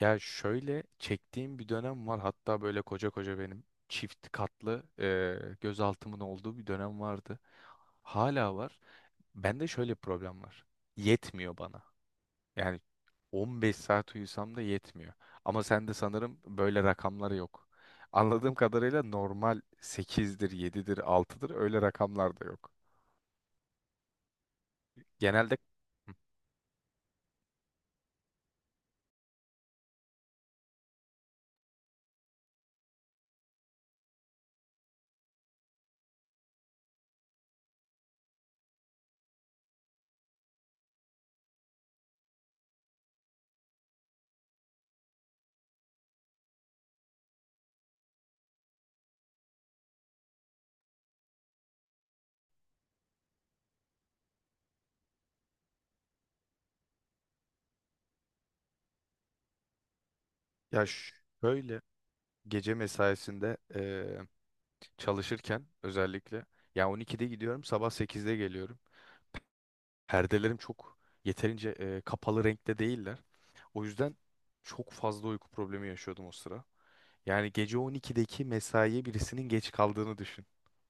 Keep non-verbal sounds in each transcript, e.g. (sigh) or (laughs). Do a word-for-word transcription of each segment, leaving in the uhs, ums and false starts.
Ya şöyle çektiğim bir dönem var. Hatta böyle koca koca benim çift katlı e, gözaltımın olduğu bir dönem vardı. Hala var. Bende şöyle bir problem var. Yetmiyor bana. Yani on beş saat uyusam da yetmiyor. Ama sende sanırım böyle rakamlar yok. Anladığım kadarıyla normal sekizdir, yedidir, altıdır öyle rakamlar da yok. Genelde hı. ya ş- Şöyle gece mesaisinde eee, çalışırken özellikle ya on ikide gidiyorum sabah sekizde geliyorum. Perdelerim çok yeterince eee, kapalı renkte değiller. O yüzden çok fazla uyku problemi yaşıyordum o sıra. Yani gece on ikideki mesaiye birisinin geç kaldığını düşün.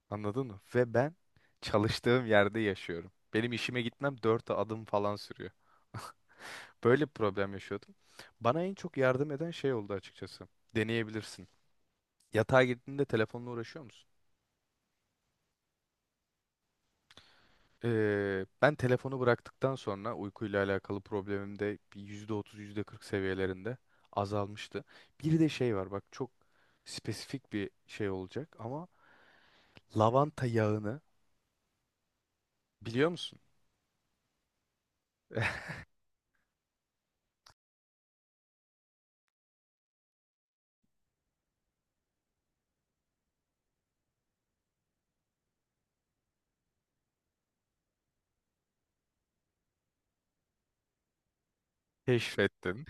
Anladın mı? Ve ben çalıştığım yerde yaşıyorum. Benim işime gitmem dört adım falan sürüyor. Böyle bir problem yaşıyordum. Bana en çok yardım eden şey oldu açıkçası. Deneyebilirsin. Yatağa girdiğinde telefonla uğraşıyor musun? Ee, ben telefonu bıraktıktan sonra uykuyla alakalı problemim de bir yüzde otuz, yüzde kırk seviyelerinde azalmıştı. Bir de şey var bak çok spesifik bir şey olacak ama lavanta yağını biliyor musun? (laughs) Keşfettim.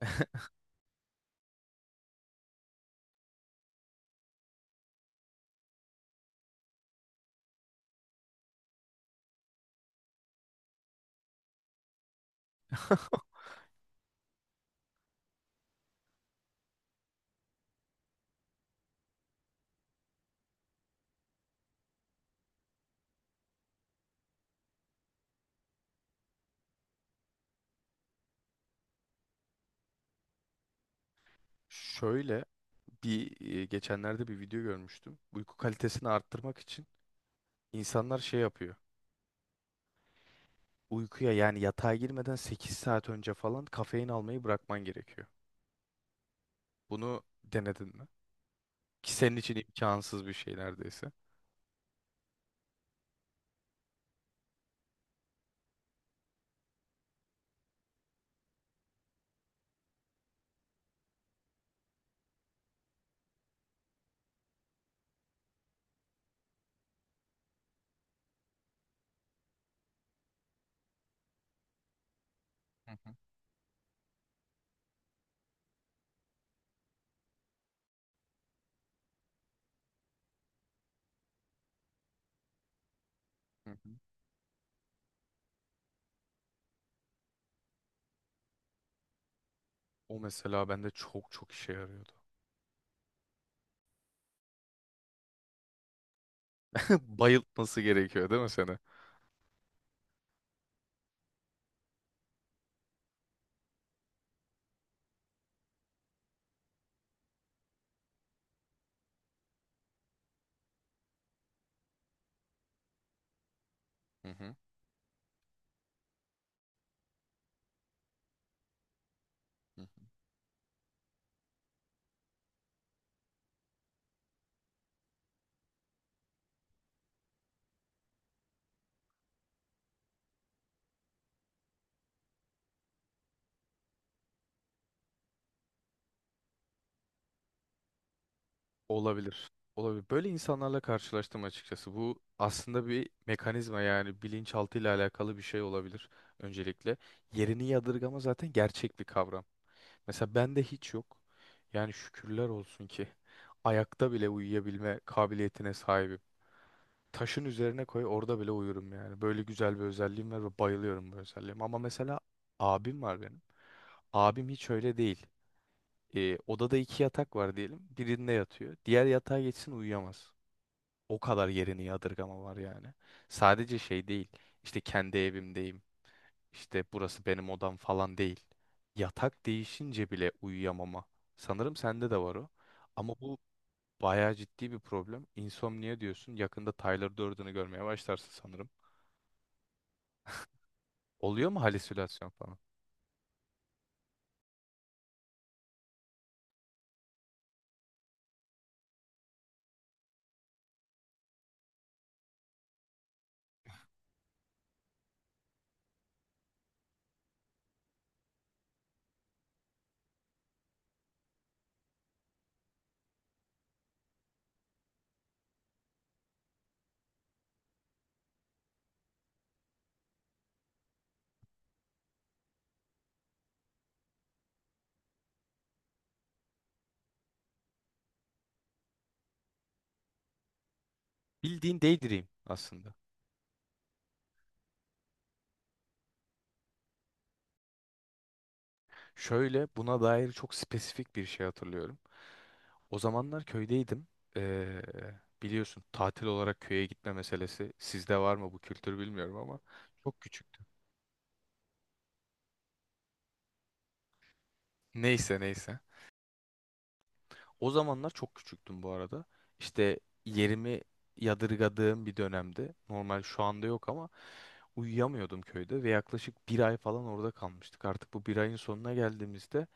(laughs) Şöyle bir e, geçenlerde bir video görmüştüm. Uyku kalitesini arttırmak için insanlar şey yapıyor. Uykuya yani yatağa girmeden sekiz saat önce falan kafein almayı bırakman gerekiyor. Bunu denedin mi? Ki senin için imkansız bir şey neredeyse. Hı hı, hı hı. O mesela bende çok çok işe yarıyordu. (laughs) Bayıltması gerekiyor değil mi seni? Hı hı, hı hı. Olabilir. Olabilir. Böyle insanlarla karşılaştım açıkçası. Bu aslında bir mekanizma yani bilinçaltı ile alakalı bir şey olabilir öncelikle. Yerini yadırgama zaten gerçek bir kavram. Mesela bende hiç yok. Yani şükürler olsun ki (laughs) ayakta bile uyuyabilme kabiliyetine sahibim. Taşın üzerine koy orada bile uyurum yani. Böyle güzel bir özelliğim var ve bayılıyorum bu özelliğime. Ama mesela abim var benim. Abim hiç öyle değil. Ee, odada iki yatak var diyelim. Birinde yatıyor. Diğer yatağa geçsin uyuyamaz. O kadar yerini yadırgama var yani. Sadece şey değil. İşte kendi evimdeyim. İşte burası benim odam falan değil. Yatak değişince bile uyuyamama. Sanırım sende de var o. Ama bu bayağı ciddi bir problem. İnsomnia diyorsun. Yakında Tyler Durden'ı görmeye başlarsın sanırım. Oluyor mu halüsinasyon falan? Bildiğin daydream aslında. Şöyle buna dair çok spesifik bir şey hatırlıyorum. O zamanlar köydeydim. Ee, Biliyorsun tatil olarak köye gitme meselesi sizde var mı bu kültür bilmiyorum ama çok küçüktüm. Neyse neyse. O zamanlar çok küçüktüm bu arada. İşte yerimi yadırgadığım bir dönemde. Normal şu anda yok ama uyuyamıyordum köyde ve yaklaşık bir ay falan orada kalmıştık. Artık bu bir ayın sonuna geldiğimizde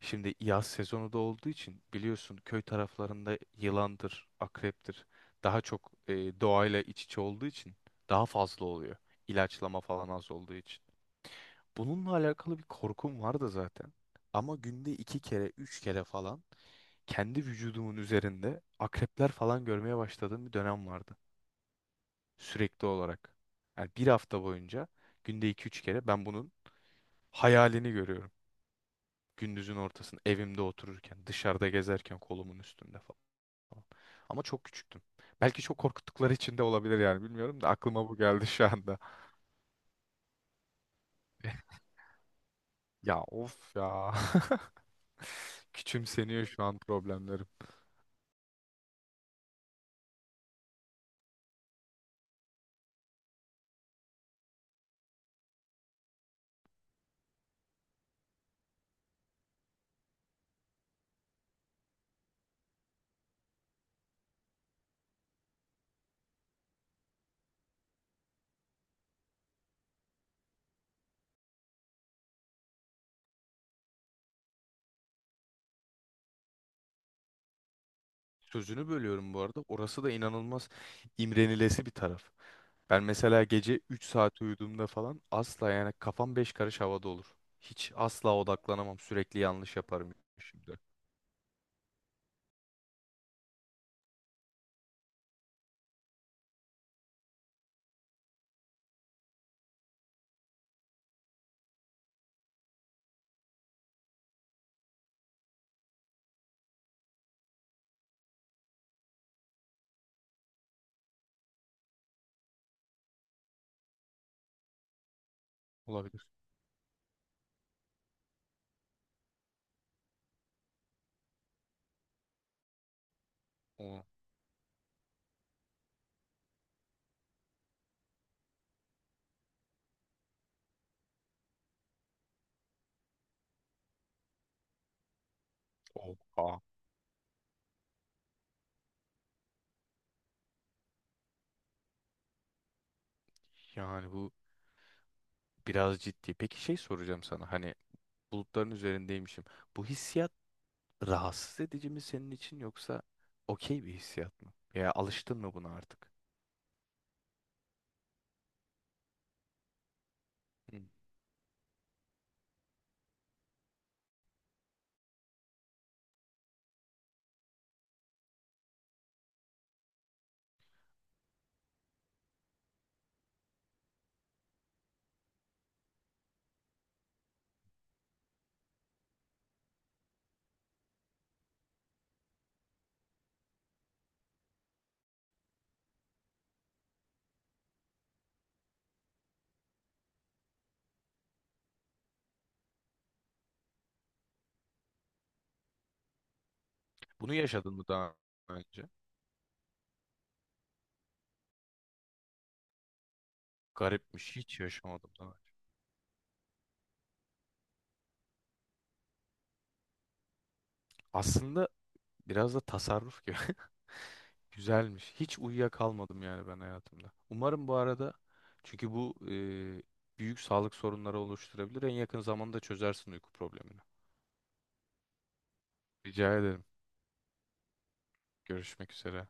şimdi yaz sezonu da olduğu için biliyorsun köy taraflarında yılandır, akreptir. Daha çok e, doğayla iç içe olduğu için daha fazla oluyor. İlaçlama falan az olduğu için. Bununla alakalı bir korkum vardı zaten. Ama günde iki kere, üç kere falan kendi vücudumun üzerinde akrepler falan görmeye başladığım bir dönem vardı. Sürekli olarak. Yani bir hafta boyunca günde iki üç kere ben bunun hayalini görüyorum. Gündüzün ortasında, evimde otururken, dışarıda gezerken kolumun üstünde falan. Ama çok küçüktüm. Belki çok korkuttukları için de olabilir yani bilmiyorum da aklıma bu geldi şu anda. (laughs) Ya of ya. (laughs) Küçümseniyor şu an problemlerim. Sözünü bölüyorum bu arada. Orası da inanılmaz imrenilesi bir taraf. Ben mesela gece üç saat uyuduğumda falan asla yani kafam beş karış havada olur. Hiç asla odaklanamam. Sürekli yanlış yaparım şimdi. Olabilir. O- Oha. Yani bu biraz ciddi. Peki şey soracağım sana. Hani bulutların üzerindeymişim. Bu hissiyat rahatsız edici mi senin için yoksa okey bir hissiyat mı? Ya alıştın mı buna artık? Hı. Bunu yaşadın mı daha önce? Garipmiş. Hiç yaşamadım daha. Aslında biraz da tasarruf gibi. (laughs) Güzelmiş. Hiç uyuyakalmadım yani ben hayatımda. Umarım bu arada çünkü bu e, büyük sağlık sorunları oluşturabilir. En yakın zamanda çözersin uyku problemini. Rica ederim. Görüşmek üzere.